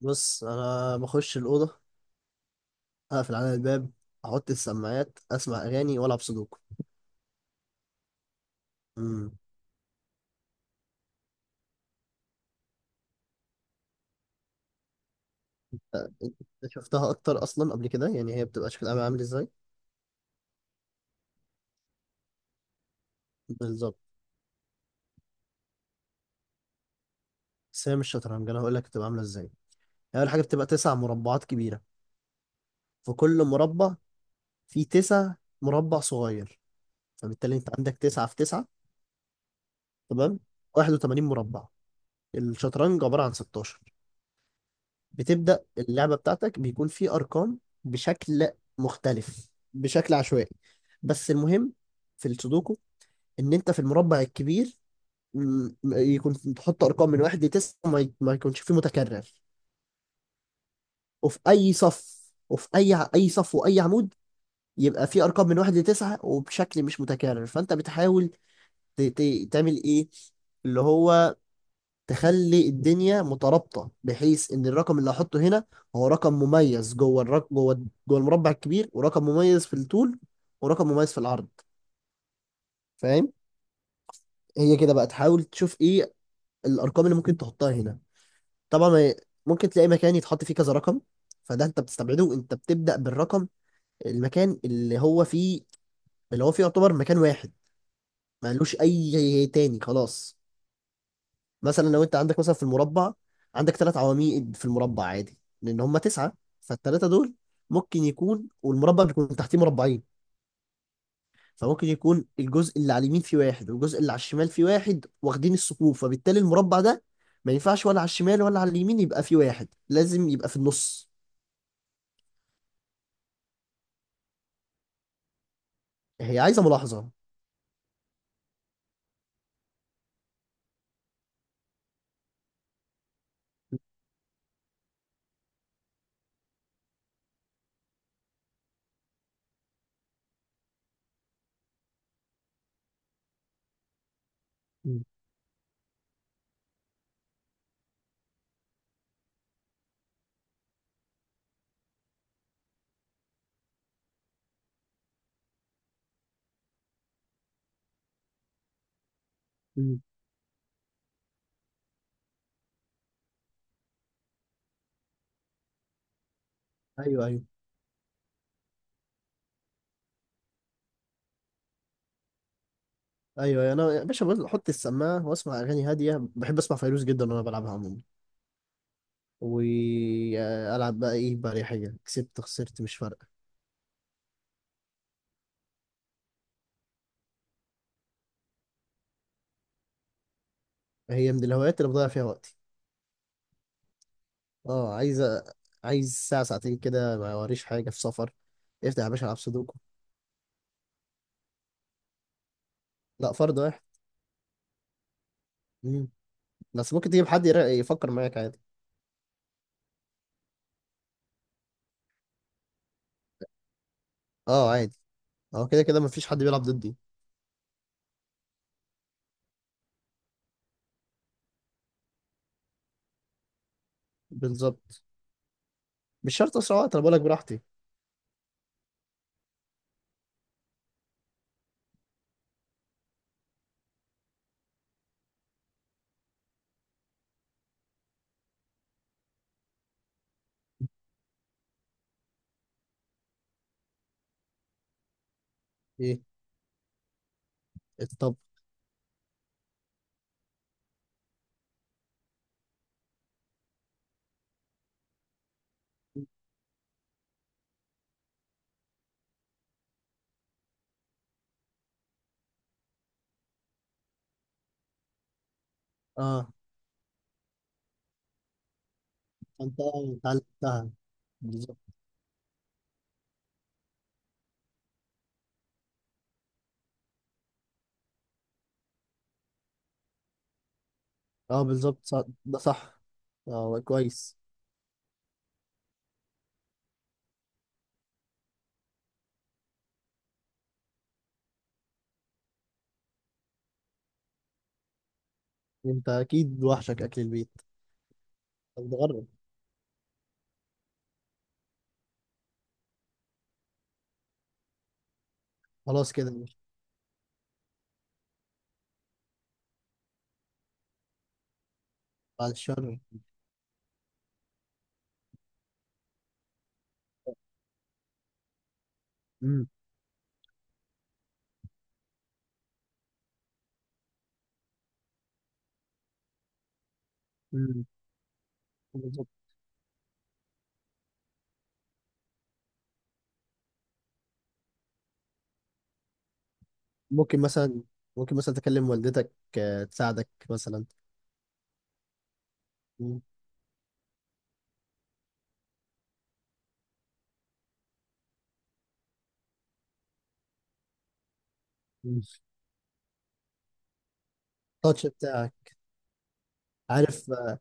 بص، انا بخش الاوضه، اقفل على الباب، احط السماعات، اسمع اغاني والعب سودوكو. امم انت شفتها اكتر اصلا قبل كده؟ يعني هي بتبقى شكلها عامل ازاي؟ بالظبط. بس هي مش شطرنج، انا هقول لك بتبقى عامله ازاي. هي اول حاجه بتبقى تسع مربعات كبيره، في كل مربع في تسع مربع صغير. فبالتالي انت عندك تسعة في تسعة. تمام، 81 مربع. الشطرنج عباره عن 16. بتبدأ اللعبة بتاعتك بيكون في أرقام بشكل مختلف، بشكل عشوائي. بس المهم في السودوكو، إن أنت في المربع الكبير يكون تحط أرقام من واحد لتسعة، وما ما يكونش فيه متكرر. وفي أي صف، وفي أي صف وأي عمود يبقى في أرقام من واحد لتسعة وبشكل مش متكرر. فأنت بتحاول تعمل إيه؟ اللي هو تخلي الدنيا مترابطه، بحيث ان الرقم اللي هحطه هنا هو رقم مميز جوه الرق... جوه جوه المربع الكبير، ورقم مميز في الطول، ورقم مميز في العرض. فاهم؟ هي كده بقى تحاول تشوف ايه الارقام اللي ممكن تحطها هنا. طبعا، ممكن تلاقي مكان يتحط فيه كذا رقم، فده انت بتستبعده. انت بتبدا بالرقم، المكان اللي هو فيه، اللي هو فيه يعتبر مكان واحد، ملوش اي تاني خلاص. مثلا لو انت عندك مثلا في المربع، عندك ثلاث عواميد في المربع عادي لان هم تسعه. فالثلاثه دول ممكن يكون، والمربع بيكون تحتيه مربعين. فممكن يكون الجزء اللي على اليمين فيه واحد، والجزء اللي على الشمال فيه واحد، واخدين الثقوب. فبالتالي المربع ده ما ينفعش ولا على الشمال ولا على اليمين يبقى فيه واحد، لازم يبقى في النص. هي عايزه ملاحظه. مم. مم. ايوه ايوه ايوه، انا يا باشا احط السماعه واسمع اغاني هاديه، بحب اسمع فيروز جدا وانا بلعبها عموما. والعب بقى ايه بريحيه، كسبت خسرت مش فارقه. هي من الهوايات اللي بضيع فيها وقتي. اه، عايز ساعه ساعتين كده ما وريش حاجه في سفر. افتح يا باشا العب سودوكو. لا، فرد واحد. مم. بس ممكن تجيب حد يفكر معاك عادي. اه عادي. اه كده كده مفيش حد بيلعب ضدي. بالظبط. مش شرط اسرع وقت، انا بقولك براحتي. ايه الطب؟ اه انت اتعلمتها. بالظبط. اه بالظبط، ده صح. اه كويس. انت اكيد وحشك اكل البيت. طب جرب. خلاص كده مش بعد الشر. امم امم بالظبط. ممكن مثلا، ممكن مثلا تكلم والدتك، تساعدك مثلا. مم. مم. التاتش بتاعك عارف.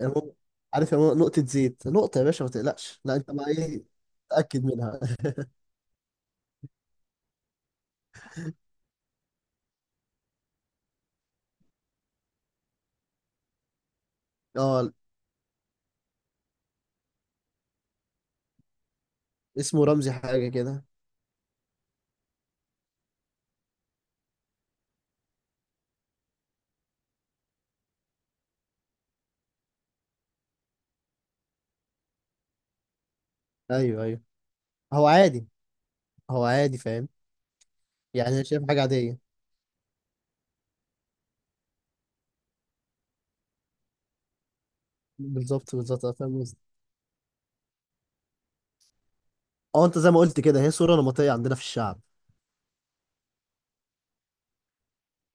يا ماما- عارف يا ماما، نقطة زيت نقطة يا باشا ما تقلقش، لا انت بقى ايه، تأكد منها. اه، اسمه رمزي حاجة كده. ايوه ايوه. هو عادي. هو عادي فاهم. يعني انا شايف حاجة عادية. بالظبط بالظبط، أنا فاهم قصدك. اه انت زي ما قلت كده، هي صورة نمطية عندنا في الشعب.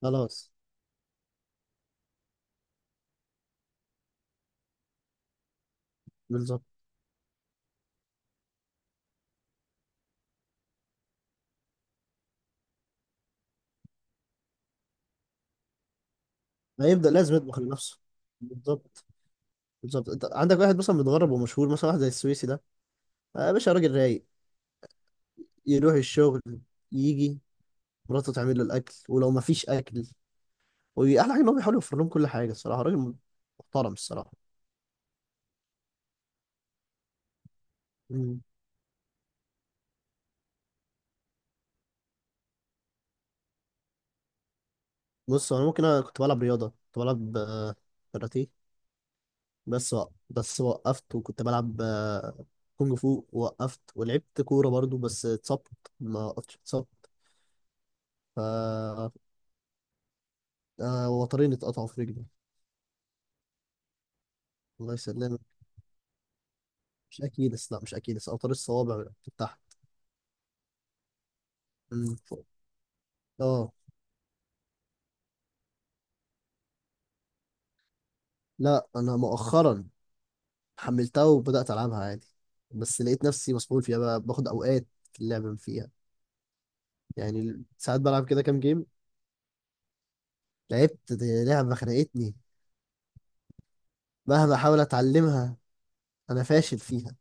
خلاص. بالظبط. هيبدأ لازم يطبخ لنفسه. بالظبط. بالظبط انت عندك واحد مثلا متغرب ومشهور، مثلا واحد زي السويسي ده. آه، يا باشا راجل رايق. يروح الشغل، يجي، مراته تعمل له الاكل، ولو ما فيش اكل. واحلى حاجه ان هو بيحاول يوفر لهم كل حاجه. الصراحه راجل محترم الصراحه. مم. بص، انا ممكن انا كنت بلعب رياضه، كنت بلعب كاراتيه. بس بس وقفت، وكنت بلعب كونج فو، وقفت. ولعبت كوره برضو، بس اتصبت. ما وقفتش، اتصبت. ف وترين اتقطعوا في رجلي. الله يسلمك. مش اكيلس، لا مش اكيلس، اوتار الصوابع بتاعها. مم. اه. لا انا مؤخرا حملتها وبدات العبها عادي. بس لقيت نفسي مسحول فيها، بقى باخد اوقات في اللعب فيها. يعني ساعات بلعب كده كام جيم. لعبت دي لعبه خنقتني، مهما احاول اتعلمها انا فاشل فيها.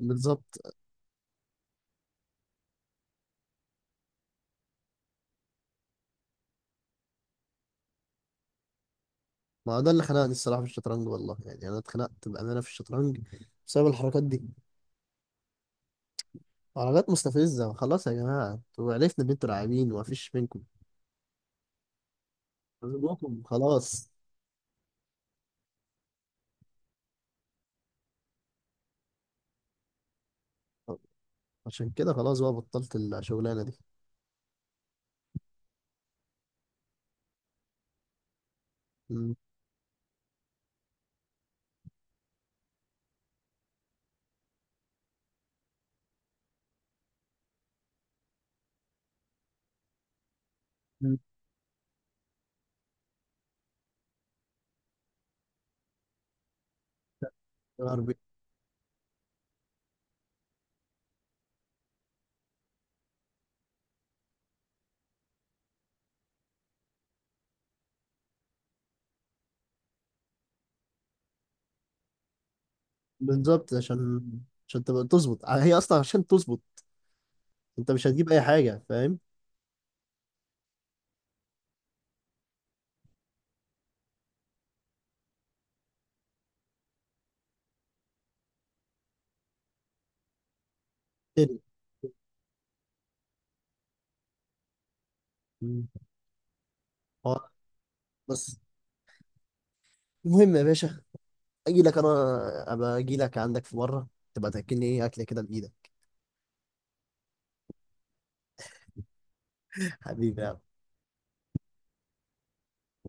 بالظبط. ما هو ده اللي خنقني الصراحه في الشطرنج والله، يعني انا اتخنقت بامانه في الشطرنج بسبب الحركات دي. حركات مستفزه. خلاص يا جماعه، انتوا عرفنا ان انتوا لاعبين ومفيش منكم. خلاص، عشان كده خلاص بقى بطلت الشغلانه دي. مم. غربي. بالظبط. عشان، عشان تبقى تظبط، هي اصلا عشان تظبط. انت مش هتجيب اي حاجه فاهم. تاني. مم. اه. بس المهم يا باشا، اجي لك انا، ابقى اجي لك عندك في مره، تبقى تاكلني ايه اكله كده بايدك. حبيبي.